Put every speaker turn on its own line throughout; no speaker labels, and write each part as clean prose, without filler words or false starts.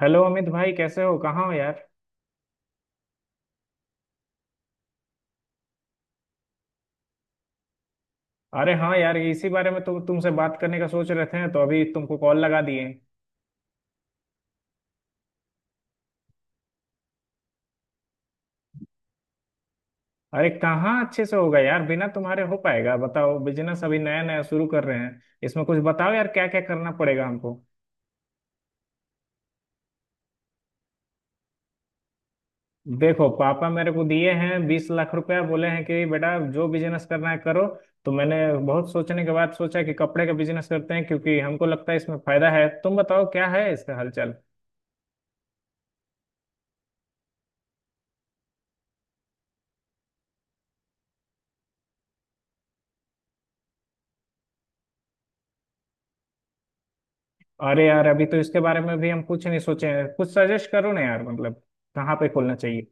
Hello Amit भाई, कैसे हो? कहाँ हो यार? अरे हाँ यार, इसी बारे में तुमसे बात करने का सोच रहे थे तो अभी तुमको कॉल लगा दिए। अरे कहाँ अच्छे से होगा यार, बिना तुम्हारे हो पाएगा? बताओ, बिजनेस अभी नया नया शुरू कर रहे हैं, इसमें कुछ बताओ यार, क्या क्या करना पड़ेगा हमको। देखो, पापा मेरे को दिए हैं 20 लाख रुपया, बोले हैं कि बेटा जो बिजनेस करना है करो। तो मैंने बहुत सोचने के बाद सोचा कि कपड़े का बिजनेस करते हैं, क्योंकि हमको लगता है इसमें फायदा है। तुम बताओ क्या है इसका हालचाल। अरे यार, अभी तो इसके बारे में भी हम कुछ नहीं सोचे हैं, कुछ सजेस्ट करो ना यार, मतलब कहाँ पे खोलना चाहिए।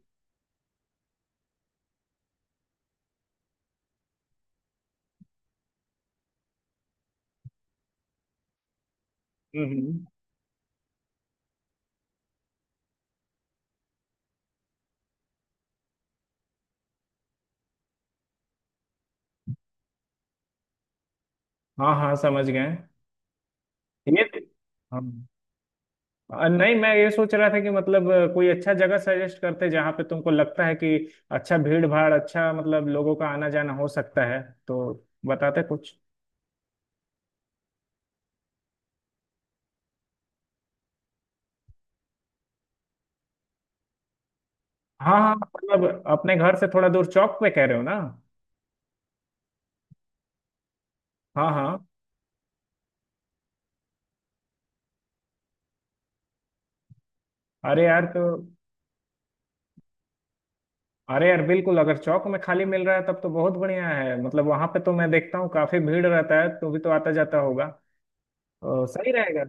हम्म। हाँ हाँ समझ गए। ये। हाँ। नहीं, मैं ये सोच रहा था कि मतलब कोई अच्छा जगह सजेस्ट करते जहाँ पे तुमको लगता है कि अच्छा भीड़ भाड़, अच्छा मतलब लोगों का आना जाना हो सकता है, तो बताते कुछ। हाँ हाँ, मतलब अपने घर से थोड़ा दूर चौक पे कह रहे हो ना? हाँ हाँ। अरे यार तो। अरे यार बिल्कुल, अगर चौक में खाली मिल रहा है तब तो बहुत बढ़िया है। मतलब वहां पे तो मैं देखता हूँ काफी भीड़ रहता है, तो भी तो आता जाता होगा, तो सही रहेगा।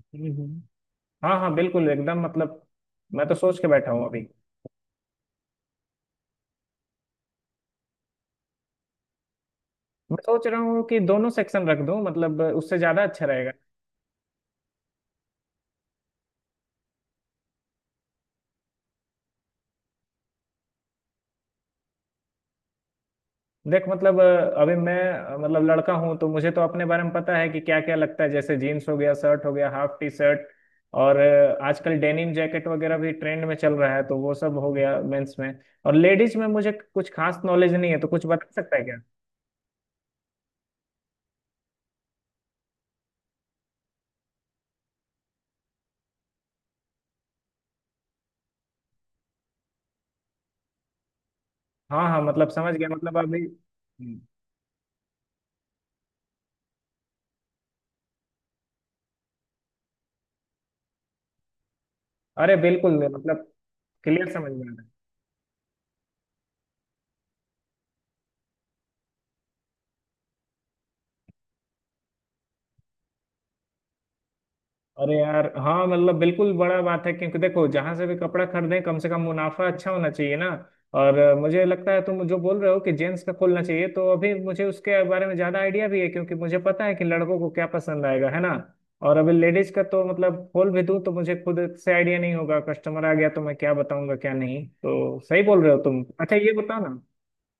हम्म हम्म। हाँ हाँ बिल्कुल एकदम, मतलब मैं तो सोच के बैठा हूँ अभी। मैं सोच रहा हूँ कि दोनों सेक्शन रख दूँ, मतलब उससे ज्यादा अच्छा रहेगा। देख मतलब, अभी मैं मतलब लड़का हूं, तो मुझे तो अपने बारे में पता है कि क्या क्या लगता है। जैसे जीन्स हो गया, शर्ट हो गया, हाफ टी शर्ट, और आजकल डेनिम जैकेट वगैरह भी ट्रेंड में चल रहा है, तो वो सब हो गया मेंस में। और लेडीज में मुझे कुछ खास नॉलेज नहीं है, तो कुछ बता सकता है क्या? हाँ हाँ मतलब समझ गया, मतलब अभी। हम्म। अरे बिल्कुल, मतलब क्लियर समझ में आ रहा है। अरे यार हाँ, मतलब बिल्कुल बड़ा बात है, क्योंकि देखो जहां से भी कपड़ा खरीदें, कम से कम मुनाफा अच्छा होना चाहिए ना। और मुझे लगता है तुम जो बोल रहे हो कि जेंट्स का खोलना चाहिए, तो अभी मुझे उसके बारे में ज्यादा आइडिया भी है, क्योंकि मुझे पता है कि लड़कों को क्या पसंद आएगा, है ना। और अभी लेडीज का तो मतलब खोल भी दूं तो मुझे खुद से आइडिया नहीं होगा, कस्टमर आ गया तो मैं क्या बताऊंगा क्या नहीं। तो सही बोल रहे हो तुम। अच्छा ये बताओ ना,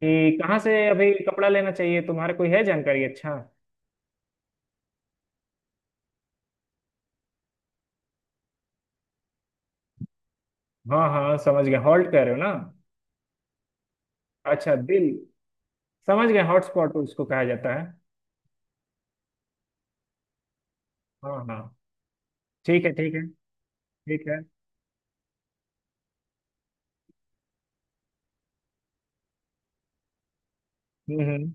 कि कहाँ से अभी कपड़ा लेना चाहिए, तुम्हारे कोई है जानकारी? अच्छा। हाँ हाँ समझ गया, हॉल्ट कह रहे हो ना? अच्छा दिल, समझ गए, हॉटस्पॉट उसको कहा जाता है। हाँ हाँ। ठीक है ठीक है। ठीक है। हम्म।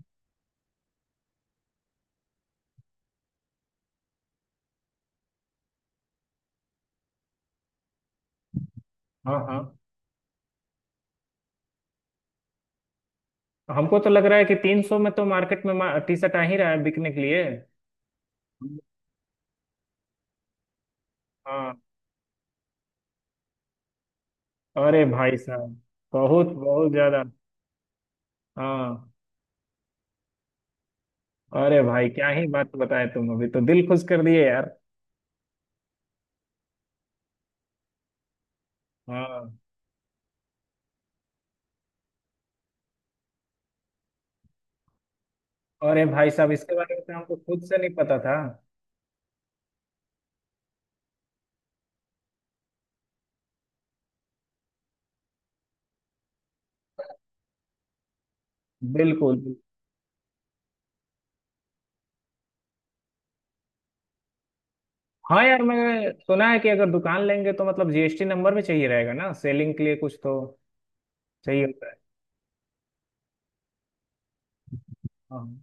हाँ हाँ। हमको तो लग रहा है कि 300 में तो मार्केट में टी शर्ट आ ही रहा है बिकने के लिए। हाँ। अरे भाई साहब, बहुत बहुत ज्यादा। हाँ। अरे भाई, क्या ही बात बताए तुम, अभी तो दिल खुश कर दिए यार। हाँ। अरे भाई साहब, इसके बारे में तो हमको खुद से नहीं पता था। बिल्कुल बिल्कुल। हाँ यार, मैंने सुना है कि अगर दुकान लेंगे तो मतलब जीएसटी नंबर भी चाहिए रहेगा ना, सेलिंग के लिए कुछ तो चाहिए होता है। हाँ,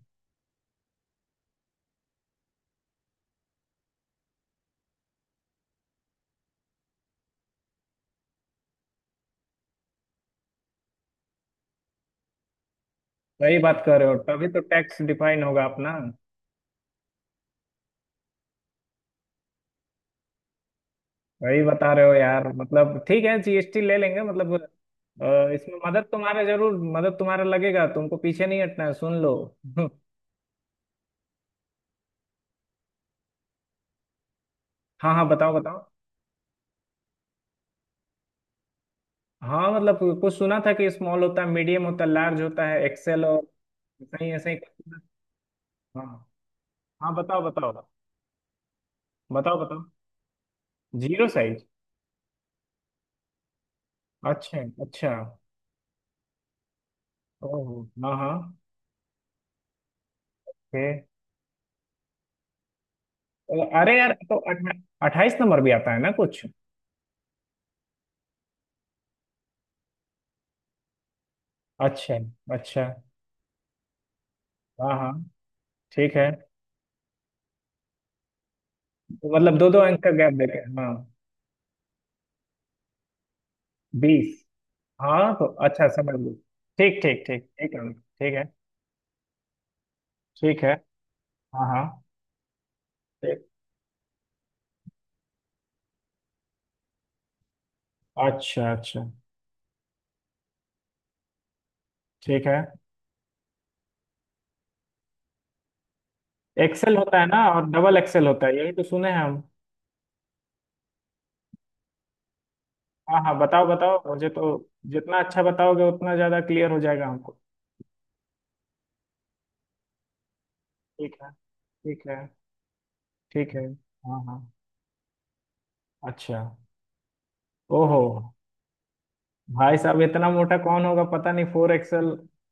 वही बात कर रहे हो, तभी तो टैक्स डिफाइन होगा अपना। वही बता रहे हो यार, मतलब ठीक है, जीएसटी ले लेंगे मतलब। इसमें मदद तुम्हारा, जरूर मदद तुम्हारा लगेगा, तुमको पीछे नहीं हटना है, सुन लो। हाँ हाँ, बताओ बताओ। हाँ मतलब कुछ सुना था कि स्मॉल होता है, मीडियम होता है, लार्ज होता है, एक्सेल, और सही, ऐसे ही कुछ हाँ हाँ बताओ बताओ, बताओ बताओ। Zero size. अच्छा अच्छा। ओहो हाँ हाँ। ओके। अरे यार तो 28 नंबर भी आता है ना कुछ? अच्छा अच्छा। हाँ हाँ ठीक है। तो मतलब दो दो अंक का गैप देते हैं हाँ। 20। हाँ तो अच्छा, समझ गई। ठीक ठीक ठीक। ठीक है। ठीक है ठीक है। हाँ हाँ। ठीक। अच्छा अच्छा। ठीक है। एक्सेल होता है ना, और डबल एक्सेल होता है, यही तो सुने हैं हम। हाँ हाँ बताओ बताओ, मुझे तो जितना अच्छा बताओगे उतना ज्यादा क्लियर हो जाएगा हमको। ठीक है। ठीक है। ठीक है। हाँ हाँ। अच्छा। ओहो। भाई साहब, इतना मोटा कौन होगा पता नहीं, फोर एक्सएल।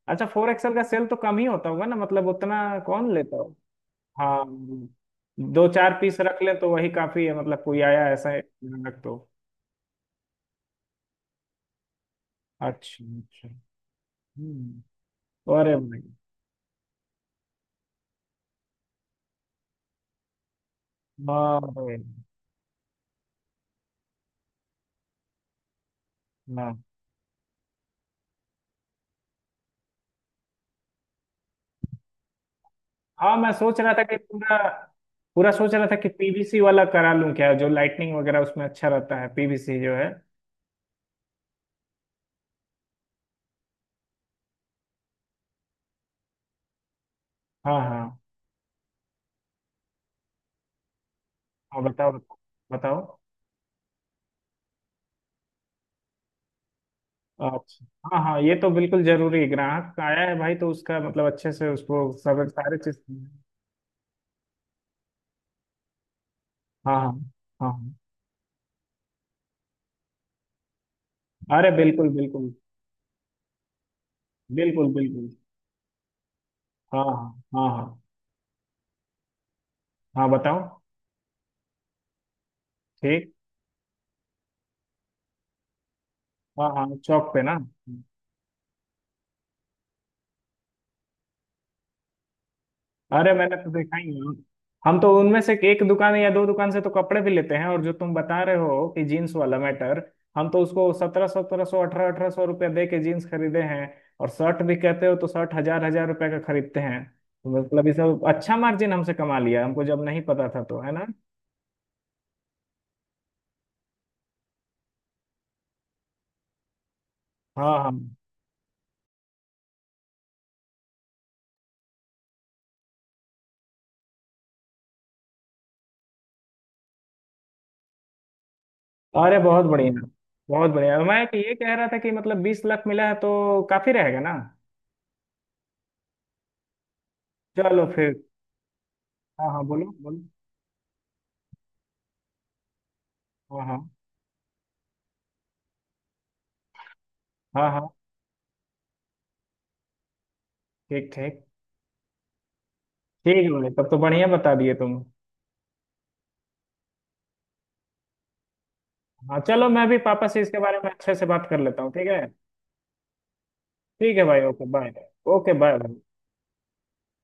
अच्छा, फोर एक्सएल का सेल तो कम ही होता होगा ना, मतलब उतना कौन लेता हो। हाँ, दो चार पीस रख ले तो वही काफी है, मतलब कोई आया ऐसा है, रख तो। अच्छा अच्छा। हम्म। अरे भाई। बाप रे। ना। हाँ, मैं सोच रहा था कि पूरा पूरा सोच रहा था कि पीवीसी वाला करा लूं क्या, जो लाइटनिंग वगैरह उसमें अच्छा रहता है, पीवीसी जो है। हाँ हाँ हाँ, बताओ बताओ। अच्छा, हाँ हाँ ये तो बिल्कुल जरूरी है, ग्राहक आया है भाई तो उसका मतलब अच्छे से उसको सब सारे चीज। हाँ हाँ। हाँ हाँ। अरे बिल्कुल बिल्कुल। बिल्कुल बिल्कुल। हाँ हाँ हाँ हाँ। हाँ बताओ। ठीक। हाँ हाँ, चौक पे ना। अरे मैंने तो देखा ही है। हम तो उनमें से एक दुकान या दो दुकान से तो कपड़े भी लेते हैं, और जो तुम बता रहे हो कि जीन्स वाला मैटर, हम तो उसको सत्रह सत्रह सौ अठारह अठारह सौ रुपया दे के जीन्स खरीदे हैं। और शर्ट भी कहते हो तो शर्ट हजार हजार रुपया का खरीदते हैं। तो मतलब ये सब अच्छा मार्जिन हमसे कमा लिया, हमको जब नहीं पता था तो, है ना। हाँ हाँ। अरे बहुत बढ़िया, बहुत बढ़िया। मैं तो ये कह रहा था कि मतलब 20 लाख मिला है तो काफी रहेगा ना? चलो फिर। हाँ हाँ बोलो बोलो। हाँ हाँ हाँ हाँ। ठीक ठीक। ठीक है भाई, तब तो बढ़िया बता दिए तुम। हाँ चलो, मैं भी पापा से इसके बारे में अच्छे से बात कर लेता हूँ, ठीक है। ठीक है भाई। Okay, bye. Okay, bye.